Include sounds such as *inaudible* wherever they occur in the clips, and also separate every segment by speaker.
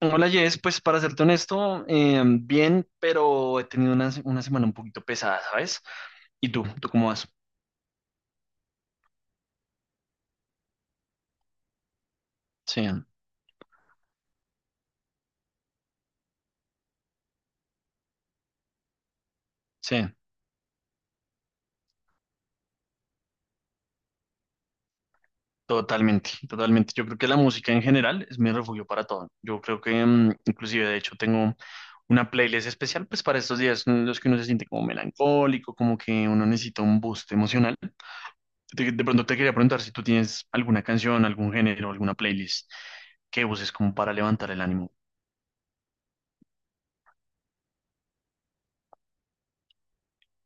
Speaker 1: Hola Jess, pues para serte honesto, bien, pero he tenido una semana un poquito pesada, ¿sabes? ¿Y tú? ¿Tú cómo vas? Sí, sí, totalmente, totalmente. Yo creo que la música en general es mi refugio para todo. Yo creo que inclusive de hecho tengo una playlist especial pues para estos días en los que uno se siente como melancólico, como que uno necesita un boost emocional. De pronto te quería preguntar si tú tienes alguna canción, algún género, alguna playlist que uses como para levantar el ánimo.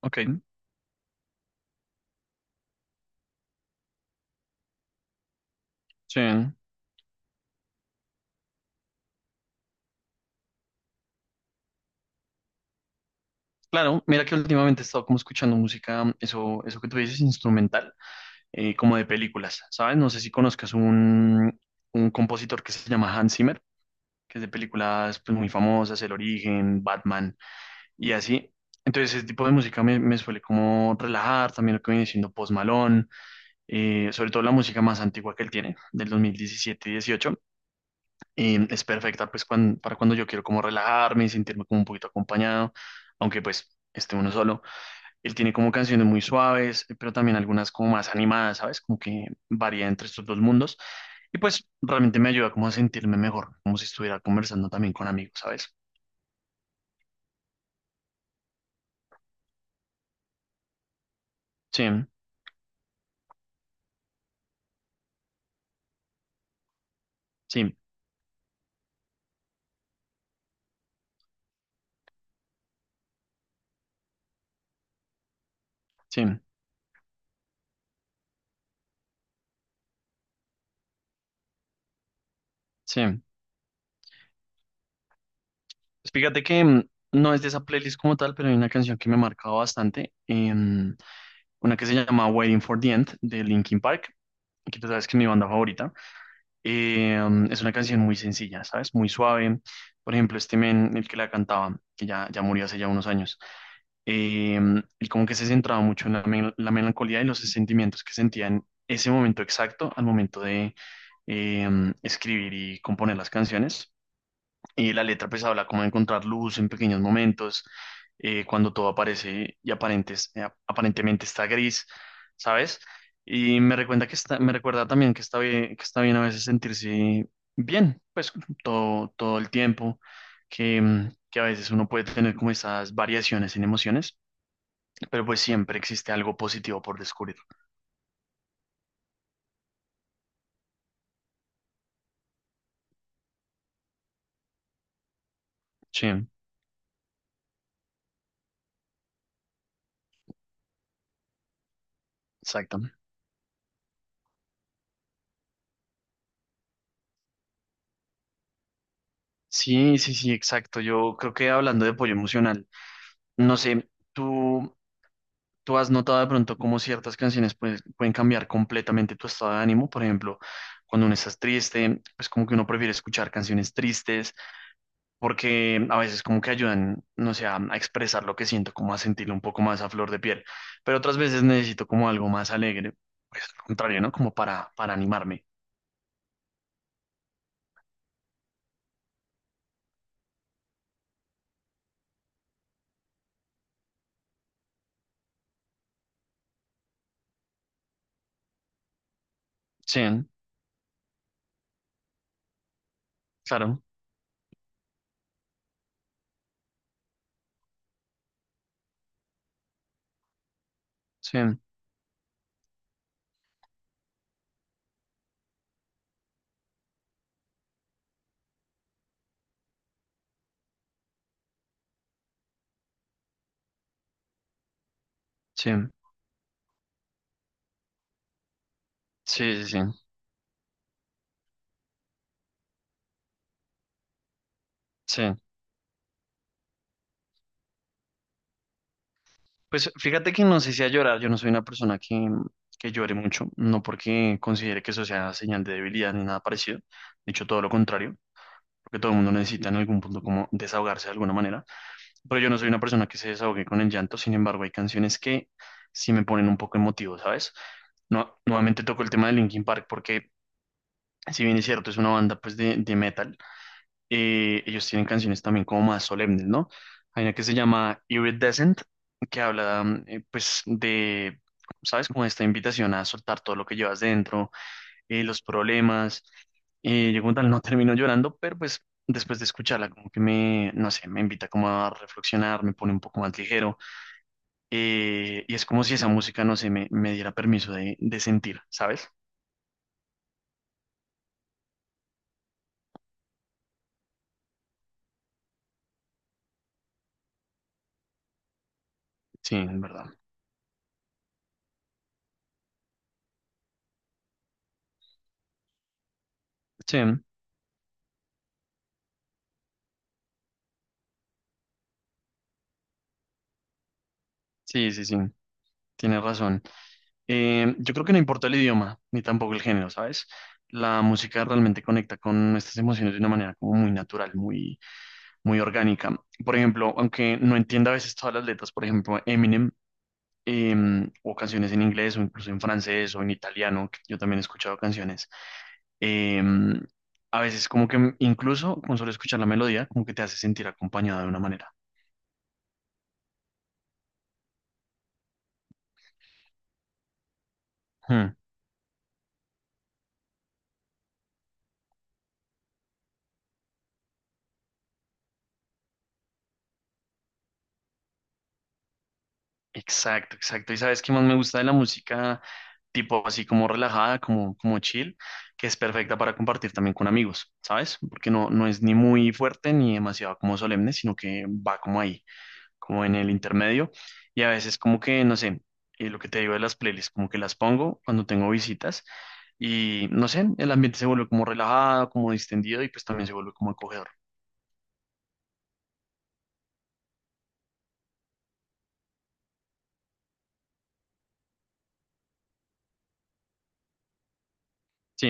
Speaker 1: Ok, sí. Claro, mira que últimamente he estado como escuchando música, eso, eso que tú dices, instrumental, como de películas, ¿sabes? No sé si conozcas un compositor que se llama Hans Zimmer, que es de películas pues, muy famosas, El Origen, Batman y así. Entonces ese tipo de música me suele como relajar, también lo que viene siendo Post Malone, sobre todo la música más antigua que él tiene, del 2017-18, es perfecta pues para cuando yo quiero como relajarme y sentirme como un poquito acompañado, aunque pues esté uno solo. Él tiene como canciones muy suaves, pero también algunas como más animadas, ¿sabes? Como que varía entre estos dos mundos. Y pues realmente me ayuda como a sentirme mejor, como si estuviera conversando también con amigos, ¿sabes? Sí, sí, sí, sí. Pues fíjate que no es de esa playlist como tal, pero hay una canción que me ha marcado bastante, una que se llama Waiting for the End de Linkin Park, que tú sabes que es mi banda favorita. Es una canción muy sencilla, ¿sabes? Muy suave. Por ejemplo, este men, el que la cantaba, que ya murió hace ya unos años, él como que se centraba mucho en la melancolía y los sentimientos que sentía en ese momento exacto al momento de escribir y componer las canciones. Y la letra pues habla como de encontrar luz en pequeños momentos, cuando todo aparece y aparentemente está gris, ¿sabes? Y me recuerda que está, me recuerda también que está bien a veces sentirse bien, pues todo el tiempo, que, que a veces uno puede tener como esas variaciones en emociones, pero pues siempre existe algo positivo por descubrir. Sí, exacto. Sí, sí, sí, exacto. Yo creo que hablando de apoyo emocional, no sé, tú... ¿Tú has notado de pronto cómo ciertas canciones pueden cambiar completamente tu estado de ánimo? Por ejemplo, cuando uno estás triste, pues como que uno prefiere escuchar canciones tristes porque a veces como que ayudan, no sé, a expresar lo que siento, como a sentirlo un poco más a flor de piel. Pero otras veces necesito como algo más alegre, pues al contrario, ¿no? Como para animarme. Sí, claro. Sí, sí, sí, sí, sí. Sí. Pues fíjate que no sé si a llorar, yo no soy una persona que llore mucho, no porque considere que eso sea señal de debilidad ni nada parecido, de hecho todo lo contrario, porque todo el mundo necesita en algún punto como desahogarse de alguna manera, pero yo no soy una persona que se desahogue con el llanto, sin embargo hay canciones que sí me ponen un poco emotivo, ¿sabes? No, nuevamente toco el tema de Linkin Park porque si bien es cierto es una banda pues de metal, ellos tienen canciones también como más solemnes, ¿no? Hay una que se llama Iridescent, que habla, pues, de, ¿sabes? Como esta invitación a soltar todo lo que llevas dentro, los problemas. Yo como tal no *laughs* termino llorando, pero pues después de escucharla como que no sé, me invita como a reflexionar, me pone un poco más ligero. Eh, y es como si esa música, no sé, me diera permiso de sentir, ¿sabes? Sí, en verdad. Sí, sí, sí, sí, tienes razón. Yo creo que no importa el idioma, ni tampoco el género, ¿sabes? La música realmente conecta con nuestras emociones de una manera como muy natural, muy, muy orgánica. Por ejemplo, aunque no entienda a veces todas las letras, por ejemplo, Eminem, eh, o canciones en inglés, o incluso en francés, o en italiano, que yo también he escuchado canciones, eh, a veces como que incluso con solo escuchar la melodía, como que te hace sentir acompañado de una manera. Hmm. Exacto, exacto. Y sabes qué más me gusta de la música, tipo así como relajada, como, como chill, que es perfecta para compartir también con amigos, ¿sabes? Porque no, no es ni muy fuerte ni demasiado como solemne, sino que va como ahí, como en el intermedio. Y a veces como que, no sé, lo que te digo de las playlists, como que las pongo cuando tengo visitas y, no sé, el ambiente se vuelve como relajado, como distendido y pues también se vuelve como acogedor. Sí,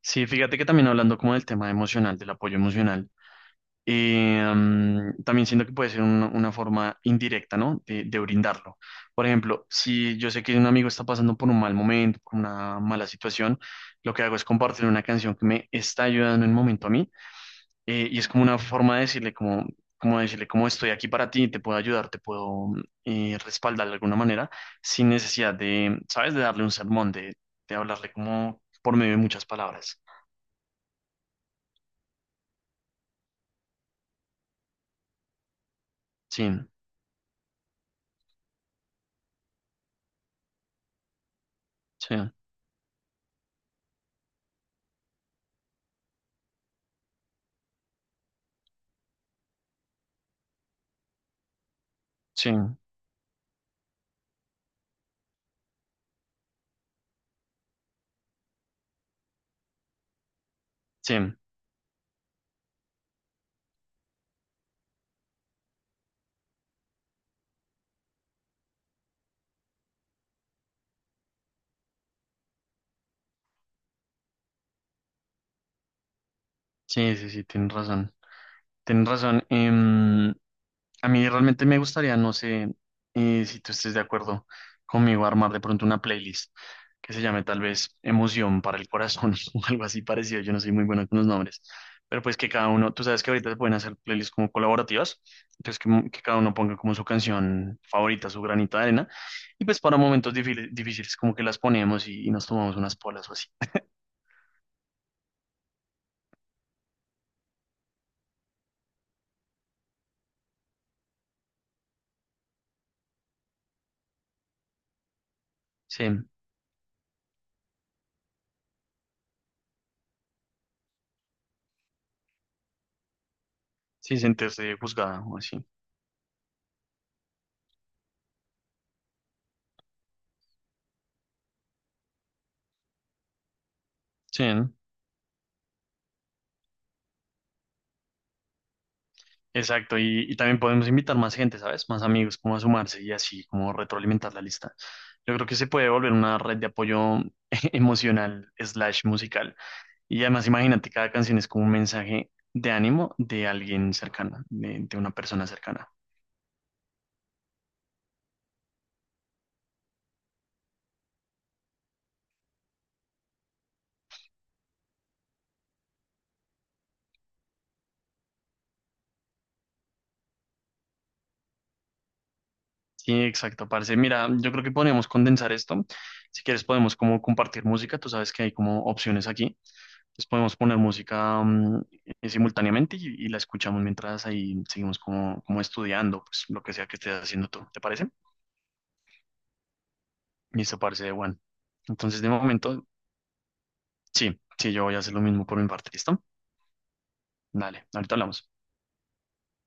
Speaker 1: sí, fíjate que también hablando como del tema emocional, del apoyo emocional. También siento que puede ser una forma indirecta, ¿no? De brindarlo. Por ejemplo, si yo sé que un amigo está pasando por un mal momento, por una mala situación, lo que hago es compartir una canción que me está ayudando en un momento a mí, y es como una forma de decirle como, como decirle como estoy aquí para ti, te puedo ayudar, te puedo respaldar de alguna manera, sin necesidad de, ¿sabes? De darle un sermón, de hablarle como por medio de muchas palabras. Sí, sí, sí, sí. Sí, sí, sí, tienes razón. Tienes razón. A mí realmente me gustaría, no sé si tú estés de acuerdo conmigo, armar de pronto una playlist que se llame tal vez Emoción para el Corazón *laughs* o algo así parecido. Yo no soy muy bueno con los nombres, pero pues que cada uno, tú sabes que ahorita se pueden hacer playlists como colaborativas, entonces que cada uno ponga como su canción favorita, su granito de arena, y pues para momentos difíciles, difíciles como que las ponemos y nos tomamos unas polas o así. Sí, sí, sentirse juzgada o así. Sí, ¿no? Exacto, y también podemos invitar más gente, ¿sabes? Más amigos, como a sumarse y así, como retroalimentar la lista. Yo creo que se puede volver una red de apoyo *laughs* emocional slash musical. Y además, imagínate, cada canción es como un mensaje de ánimo de alguien cercano, de una persona cercana. Sí, exacto, parce. Mira, yo creo que podríamos condensar esto. Si quieres, podemos como compartir música. Tú sabes que hay como opciones aquí. Entonces podemos poner música simultáneamente y la escuchamos mientras ahí seguimos como, como estudiando, pues lo que sea que estés haciendo tú. ¿Te parece? Listo, parece, Juan. Entonces, de momento, sí, sí, yo voy a hacer lo mismo por mi parte. ¿Listo? Dale, ahorita hablamos.